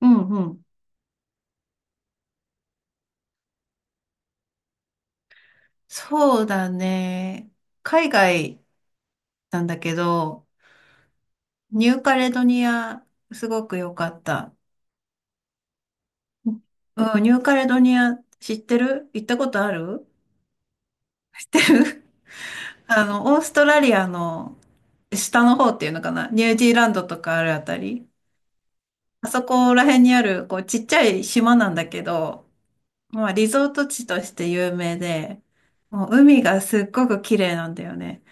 うんうん。そうだね。海外なんだけど、ニューカレドニア、すごく良かった。うん、ニューカレドニア知ってる行ったことある知ってる オーストラリアの下の方っていうのかなニュージーランドとかあるあたり。あそこら辺にある、こう、ちっちゃい島なんだけど、まあ、リゾート地として有名で、もう海がすっごく綺麗なんだよね。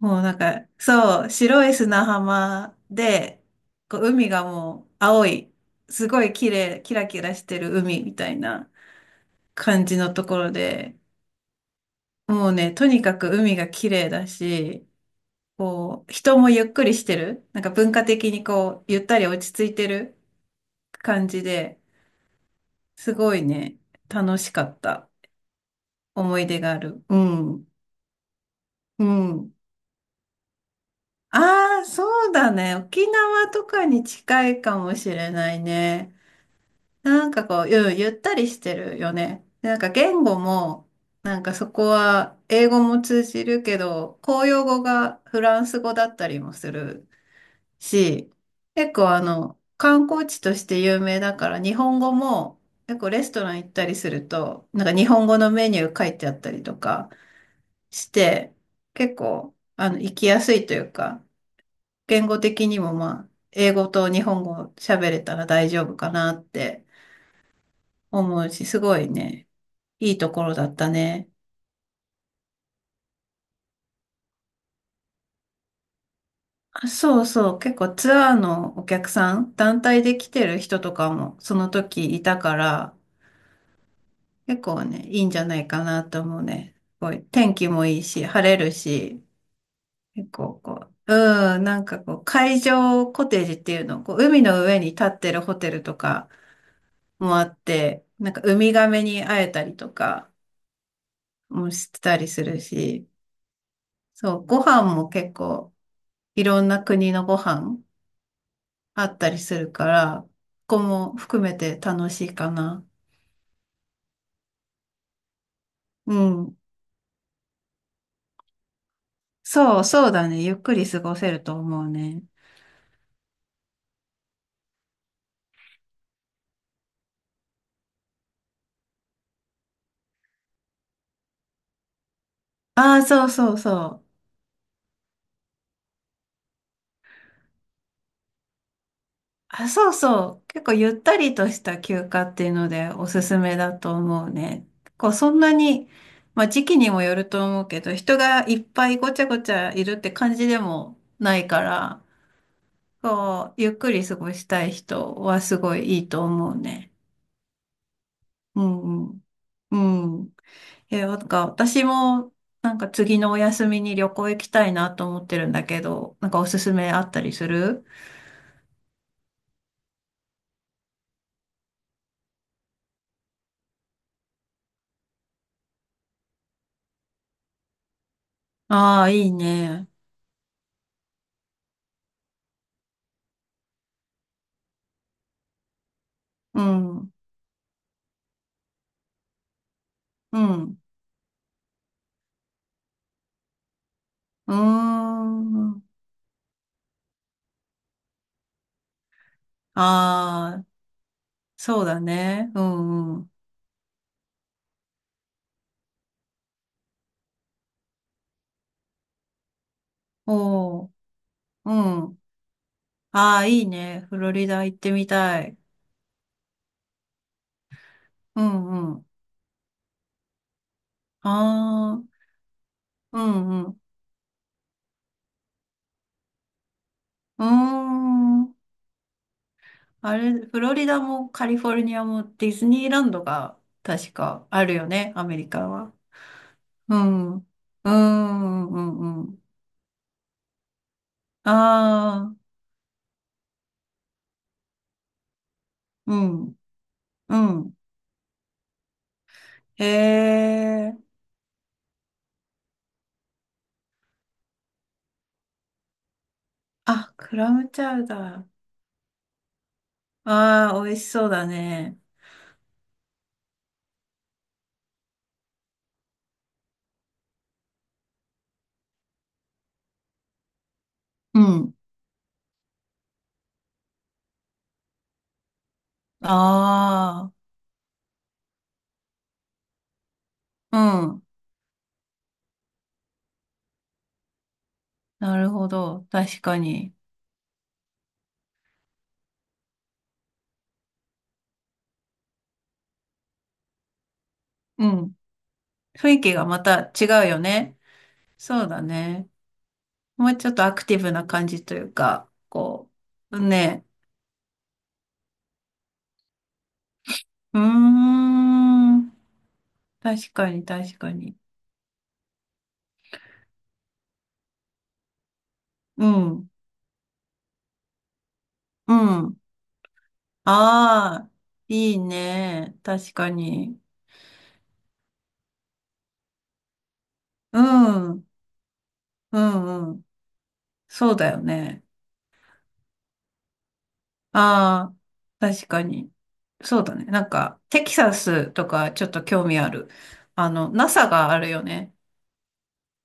もうそう、白い砂浜で、こう海がもう青い、すごい綺麗、キラキラしてる海みたいな感じのところで、もうね、とにかく海が綺麗だし、こう、人もゆっくりしてる。なんか文化的にこう、ゆったり落ち着いてる感じで、すごいね、楽しかった思い出がある。うん。うん。ああ、そうだね。沖縄とかに近いかもしれないね。なんかこう、ゆったりしてるよね。でなんか言語も、なんかそこは英語も通じるけど、公用語がフランス語だったりもするし、結構観光地として有名だから日本語も結構レストラン行ったりすると、なんか日本語のメニュー書いてあったりとかして、結構行きやすいというか、言語的にもまあ、英語と日本語喋れたら大丈夫かなって思うし、すごいね。いいところだったね。あ、そうそう。結構ツアーのお客さん、団体で来てる人とかもその時いたから、結構ね、いいんじゃないかなと思うね。すごい天気もいいし、晴れるし、結構こう、うん、なんかこう、海上コテージっていうの、こう、海の上に立ってるホテルとかもあって、なんかウミガメに会えたりとかもしてたりするし、そう、ご飯も結構、いろんな国のご飯あったりするから、ここも含めて楽しいかな。うん。そう、そうだね。ゆっくり過ごせると思うね。ああ、そうそうそう。あ、そうそう。結構ゆったりとした休暇っていうのでおすすめだと思うね。こう、そんなに、まあ時期にもよると思うけど、人がいっぱいごちゃごちゃいるって感じでもないから、こう、ゆっくり過ごしたい人はすごいいいと思うね。うんうん。うん。え、なんか私もなんか次のお休みに旅行行きたいなと思ってるんだけど、なんかおすすめあったりする？ああー、いいね。うん、うん、うーん。ああ、そうだね。うん、うん。おー、うん。ああ、いいね。フロリダ行ってみたい。うん、うん。ああ、うん、うん。うーん。あれ、フロリダもカリフォルニアもディズニーランドが確かあるよね、アメリカは。うん。うん。うん。うんうん。ああ。うん。うん。へえ。あ、クラムチャウダー。ああ、美味しそうだね。うん。ああ。うん。なるほど。確かに。うん。雰囲気がまた違うよね。そうだね。もうちょっとアクティブな感じというか、こう。ね。うーん。確かに、確かに。うん。うん。ああ、いいね。確かに。うん、うん、うん。そうだよね。ああ、確かに。そうだね。なんか、テキサスとかちょっと興味ある。NASA があるよね。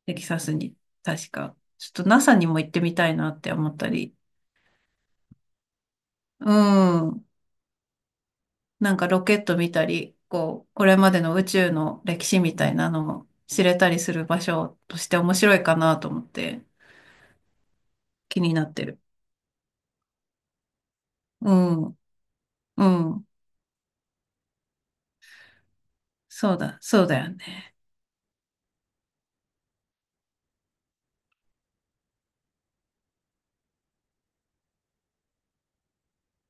テキサスに。確か。ちょっと NASA にも行ってみたいなって思ったり。うん。なんかロケット見たり、こう、これまでの宇宙の歴史みたいなのも知れたりする場所として面白いかなと思って気になってる。うん。うん。そうだ、そうだよね。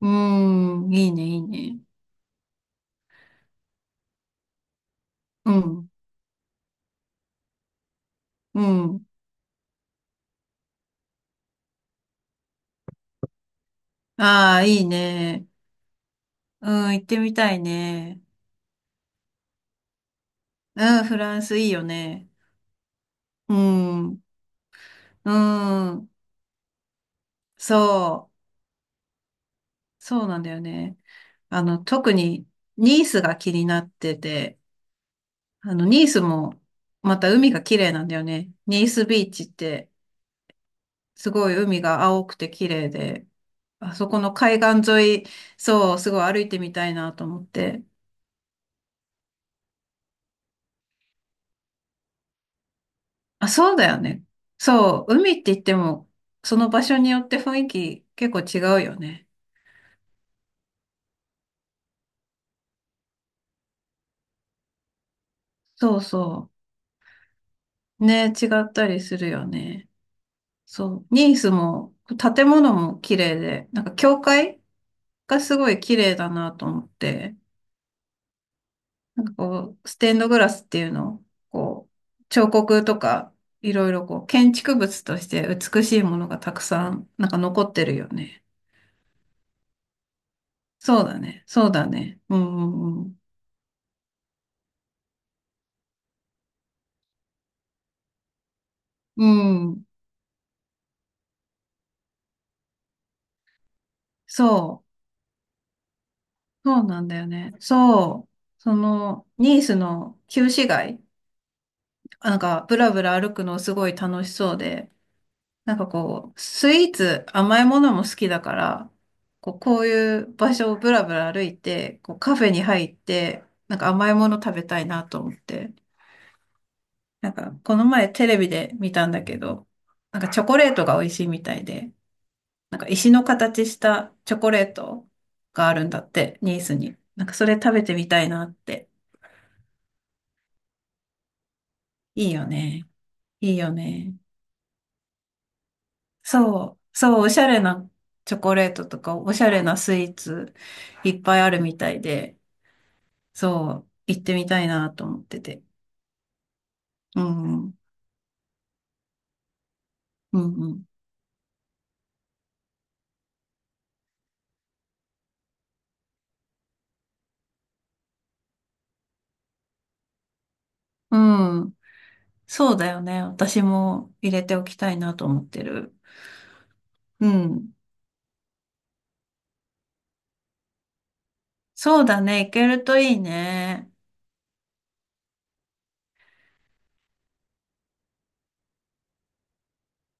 うん。いいね、いいね。うん。うん。ああ、いいね。うん、行ってみたいね。うん、フランスいいよね。うん。うん。そう。そうなんだよね。特にニースが気になってて、ニースもまた海が綺麗なんだよね。ニースビーチってすごい海が青くて綺麗で、あそこの海岸沿い、そう、すごい歩いてみたいなと思って。あ、そうだよね。そう、海って言っても、その場所によって雰囲気結構違うよね。そうそう。ね、違ったりするよね。そう。ニースも、建物も綺麗で、なんか教会がすごい綺麗だなと思って、なんかこう、ステンドグラスっていうのを、こう、彫刻とか、いろいろこう、建築物として美しいものがたくさん、なんか残ってるよね。そうだね。そうだね。うんうんうん。うん。そう。そうなんだよね。そう。その、ニースの旧市街、なんか、ブラブラ歩くのすごい楽しそうで、なんかこう、スイーツ、甘いものも好きだから、こう、こういう場所をブラブラ歩いて、こう、カフェに入って、なんか甘いもの食べたいなと思って、なんか、この前テレビで見たんだけど、なんかチョコレートが美味しいみたいで、なんか石の形したチョコレートがあるんだって、ニースに。なんかそれ食べてみたいなって。いいよね。いいよね。そう、そう、おしゃれなチョコレートとか、おしゃれなスイーツいっぱいあるみたいで、そう、行ってみたいなと思ってて。うん、うん、うん。うん、そうだよね。私も入れておきたいなと思ってる。うん。そうだね。行けるといいね。